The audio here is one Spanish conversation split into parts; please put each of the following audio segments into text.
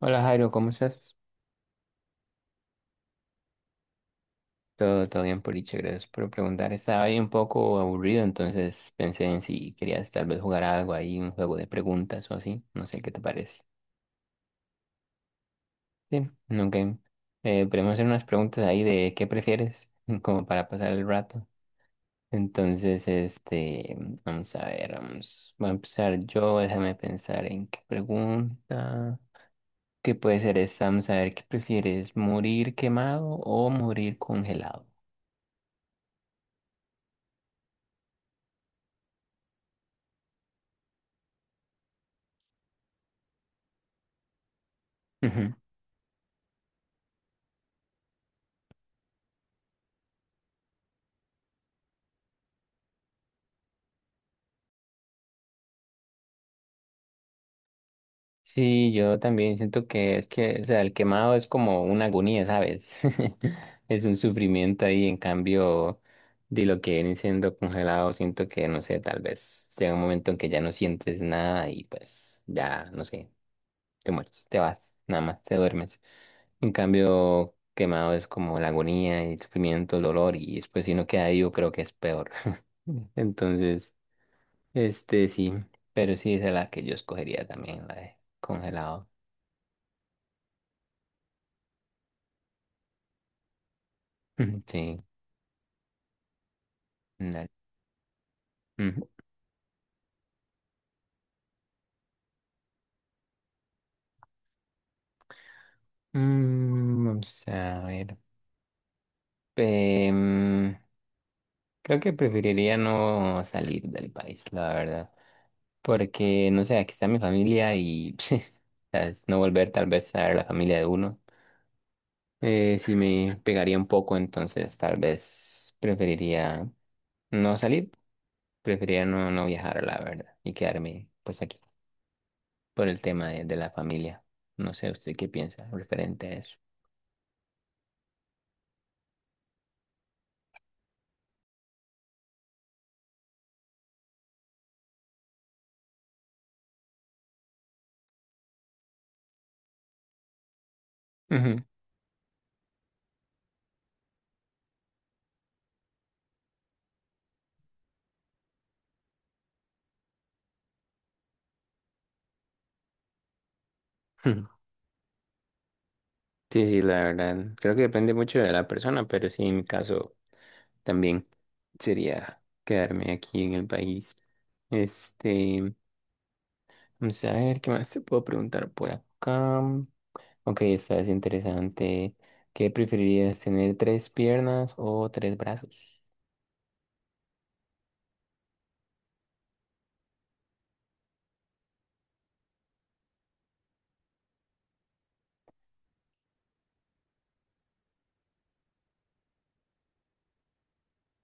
Hola Jairo, ¿cómo estás? Todo bien, Poliche, gracias por preguntar. Estaba ahí un poco aburrido, entonces pensé en si querías tal vez jugar algo ahí, un juego de preguntas o así. No sé qué te parece. Sí, no game. Podemos hacer unas preguntas ahí de qué prefieres, como para pasar el rato. Entonces, este, vamos a ver, voy a empezar yo, déjame pensar en qué pregunta. ¿Qué puede ser esta? Vamos a ver, ¿qué prefieres? ¿Morir quemado o morir congelado? Sí, yo también siento que es que, o sea, el quemado es como una agonía, ¿sabes? Es un sufrimiento ahí, en cambio, de lo que viene siendo congelado, siento que, no sé, tal vez sea un momento en que ya no sientes nada y pues ya, no sé, te mueres, te vas, nada más, te duermes. En cambio, quemado es como la agonía, el sufrimiento, el dolor y después si no queda vivo creo que es peor. Entonces, este sí, pero sí esa es la que yo escogería también, la de congelado. Ujú, sí, dale. Ujú. Mm, vamos a ver. Em, Creo que preferiría no salir del país, la verdad. Porque, no sé, aquí está mi familia y ¿sabes? No volver tal vez a ver la familia de uno. Sí me pegaría un poco, entonces tal vez preferiría no salir, preferiría no viajar, la verdad, y quedarme pues aquí por el tema de la familia. No sé, ¿usted qué piensa referente a eso? Ujú. Sí, sí, la verdad. Creo que depende mucho de la persona, pero sí, en mi caso también sería quedarme aquí en el país. Este, vamos a ver qué más te puedo preguntar por acá. Ok, esta es interesante. ¿Qué preferirías, tener tres piernas o tres brazos?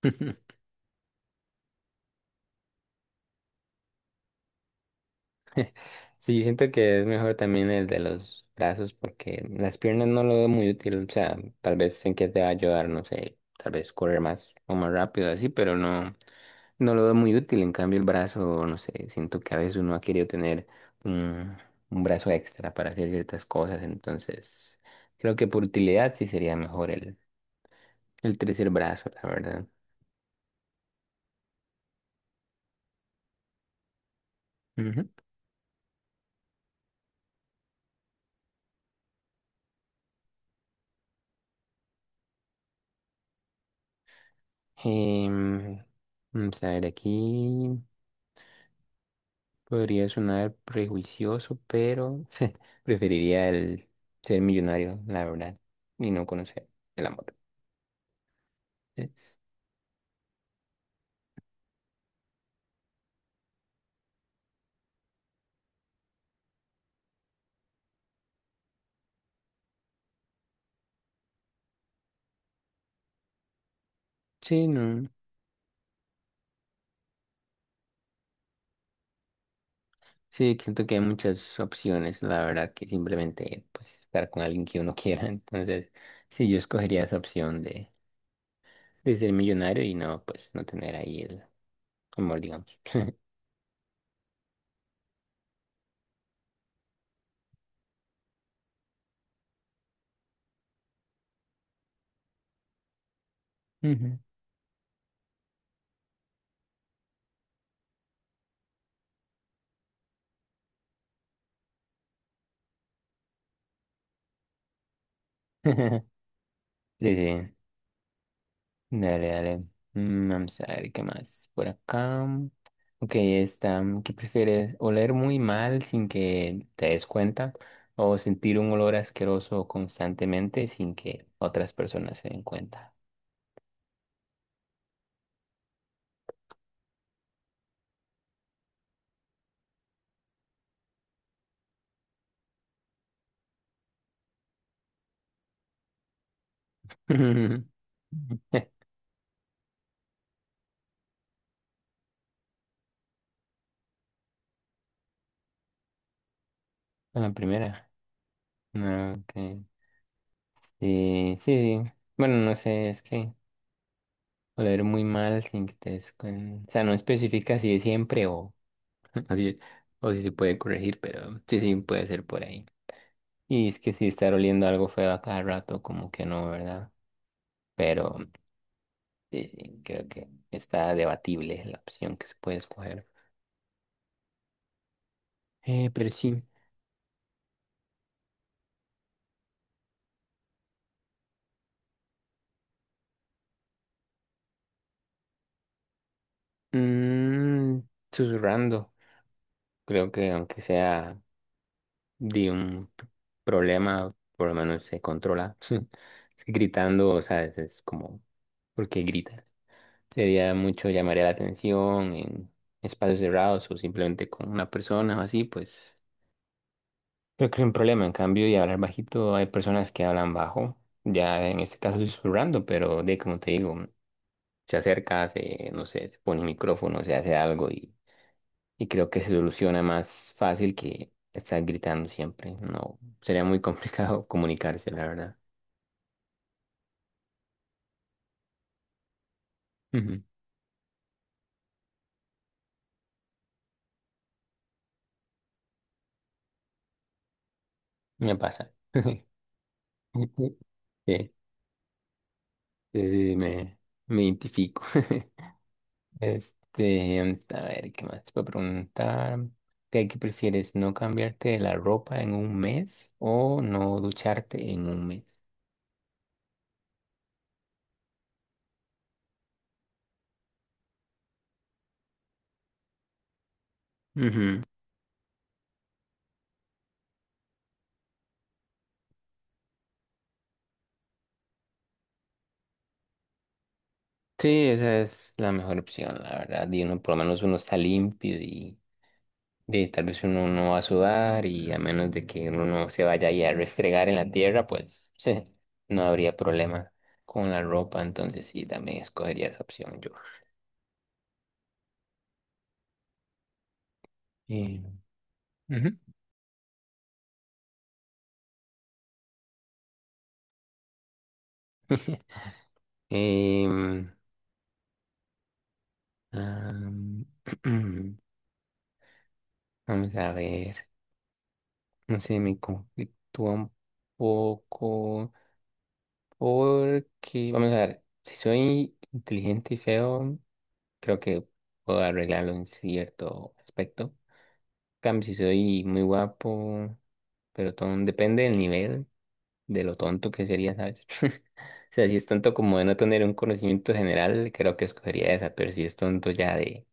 Sí, siento que es mejor también el de los brazos porque las piernas no lo veo muy útil. O sea, tal vez en qué te va a ayudar, no sé, tal vez correr más o más rápido así, pero no. No lo veo muy útil, en cambio el brazo, no sé, siento que a veces uno ha querido tener un, un brazo extra para hacer ciertas cosas, entonces creo que por utilidad sí sería mejor el tercer brazo, la verdad. Ujú. Em, Vamos a ver, aquí podría sonar prejuicioso, pero preferiría el ser millonario, la verdad, y no conocer el amor. Es- Sí, no. Sí, siento que hay muchas opciones, la verdad, que simplemente pues estar con alguien que uno quiera. Entonces, sí, yo escogería esa opción de ser millonario y no, pues, no tener ahí el amor, digamos. Ujú. Sí, sí. Dale, dale. Mm, vamos a ver qué más por acá. Ok, está. ¿Qué prefieres? ¿Oler muy mal sin que te des cuenta o sentir un olor asqueroso constantemente sin que otras personas se den cuenta? Con la primera. No, que Sí, sí. Bueno, no sé, es que oler muy mal sin que te des cuen- O sea, no especifica si es siempre o si, o si se puede corregir, pero sí, sí, puede ser por ahí. Y es que sí, estar oliendo algo feo a cada rato, como que no, ¿verdad? Pero sí, sí, creo que está debatible la opción que se puede escoger. Pero sí. Mm, susurrando. Creo que aunque sea de un p- problema, por lo menos se controla. Gritando, o sea, es como, ¿por qué gritas? Sería mucho, llamaría la atención en espacios cerrados o simplemente con una persona o así, pues creo que es un problema. En cambio, y hablar bajito, hay personas que hablan bajo, ya en este caso susurrando, pero de como te digo, se acerca, no sé, se pone un micrófono, se hace algo y creo que se soluciona más fácil que estar gritando siempre. No, sería muy complicado comunicarse, la verdad. Ujú, me pasa. Sí, sí, me identifico. Este, a ver, ¿qué más te puedo preguntar? ¿Qué, qué prefieres? ¿No cambiarte la ropa en un mes o no ducharte en un mes? Ujú. Sí, esa es la mejor opción, la verdad. Y uno, por lo menos uno está limpio y de tal vez uno no va a sudar y a menos de que uno no se vaya ahí a restregar en la tierra, pues no habría problema con la ropa, entonces sí, también escogería esa opción yo. Eh, ujú. Em, am, vamos a ver, no sé, me conflictúa un poco porque, vamos a ver, si soy inteligente y feo, creo que puedo arreglarlo en cierto aspecto. Cambio, si soy muy guapo, pero todo depende del nivel, de lo tonto que sería, ¿sabes? O sea, si es tonto como de no tener un conocimiento general, creo que escogería esa, pero si es tonto ya de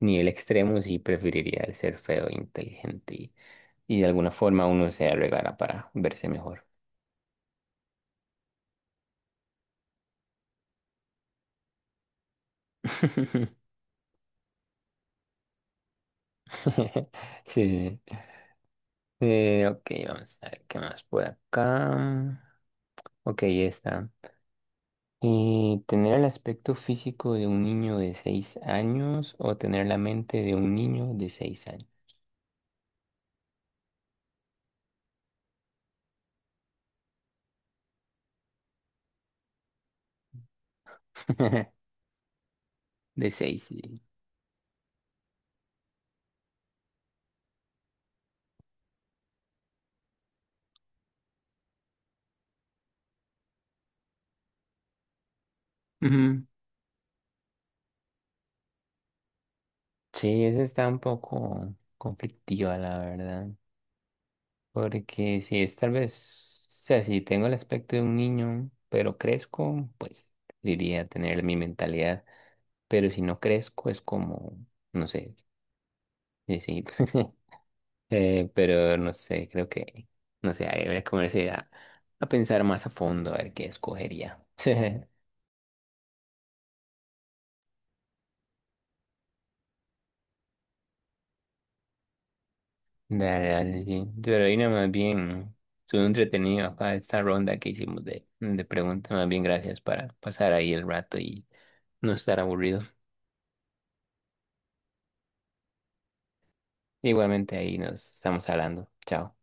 nivel extremo, sí preferiría el ser feo e inteligente y de alguna forma uno se arreglará para verse mejor. Sí. Ok, vamos a ver qué más por acá. Ok, ya está. ¿Y tener el aspecto físico de un niño de seis años o tener la mente de un niño de seis años? De seis, sí. Ujú. Sí, esa está un poco conflictiva, la verdad. Porque si es tal vez, o sea, si tengo el aspecto de un niño, pero crezco, pues diría tener mi mentalidad. Pero si no crezco, es como, no sé, sí, sí. Pero no sé, no sé, ahí voy a comenzar a pensar más a fondo a ver qué escogería. Dale, dale, sí. Pero ahí nada más bien, estuvo entretenido acá esta ronda que hicimos de preguntas, más bien gracias para pasar ahí el rato y no estar aburrido. Igualmente ahí nos estamos hablando. Chao.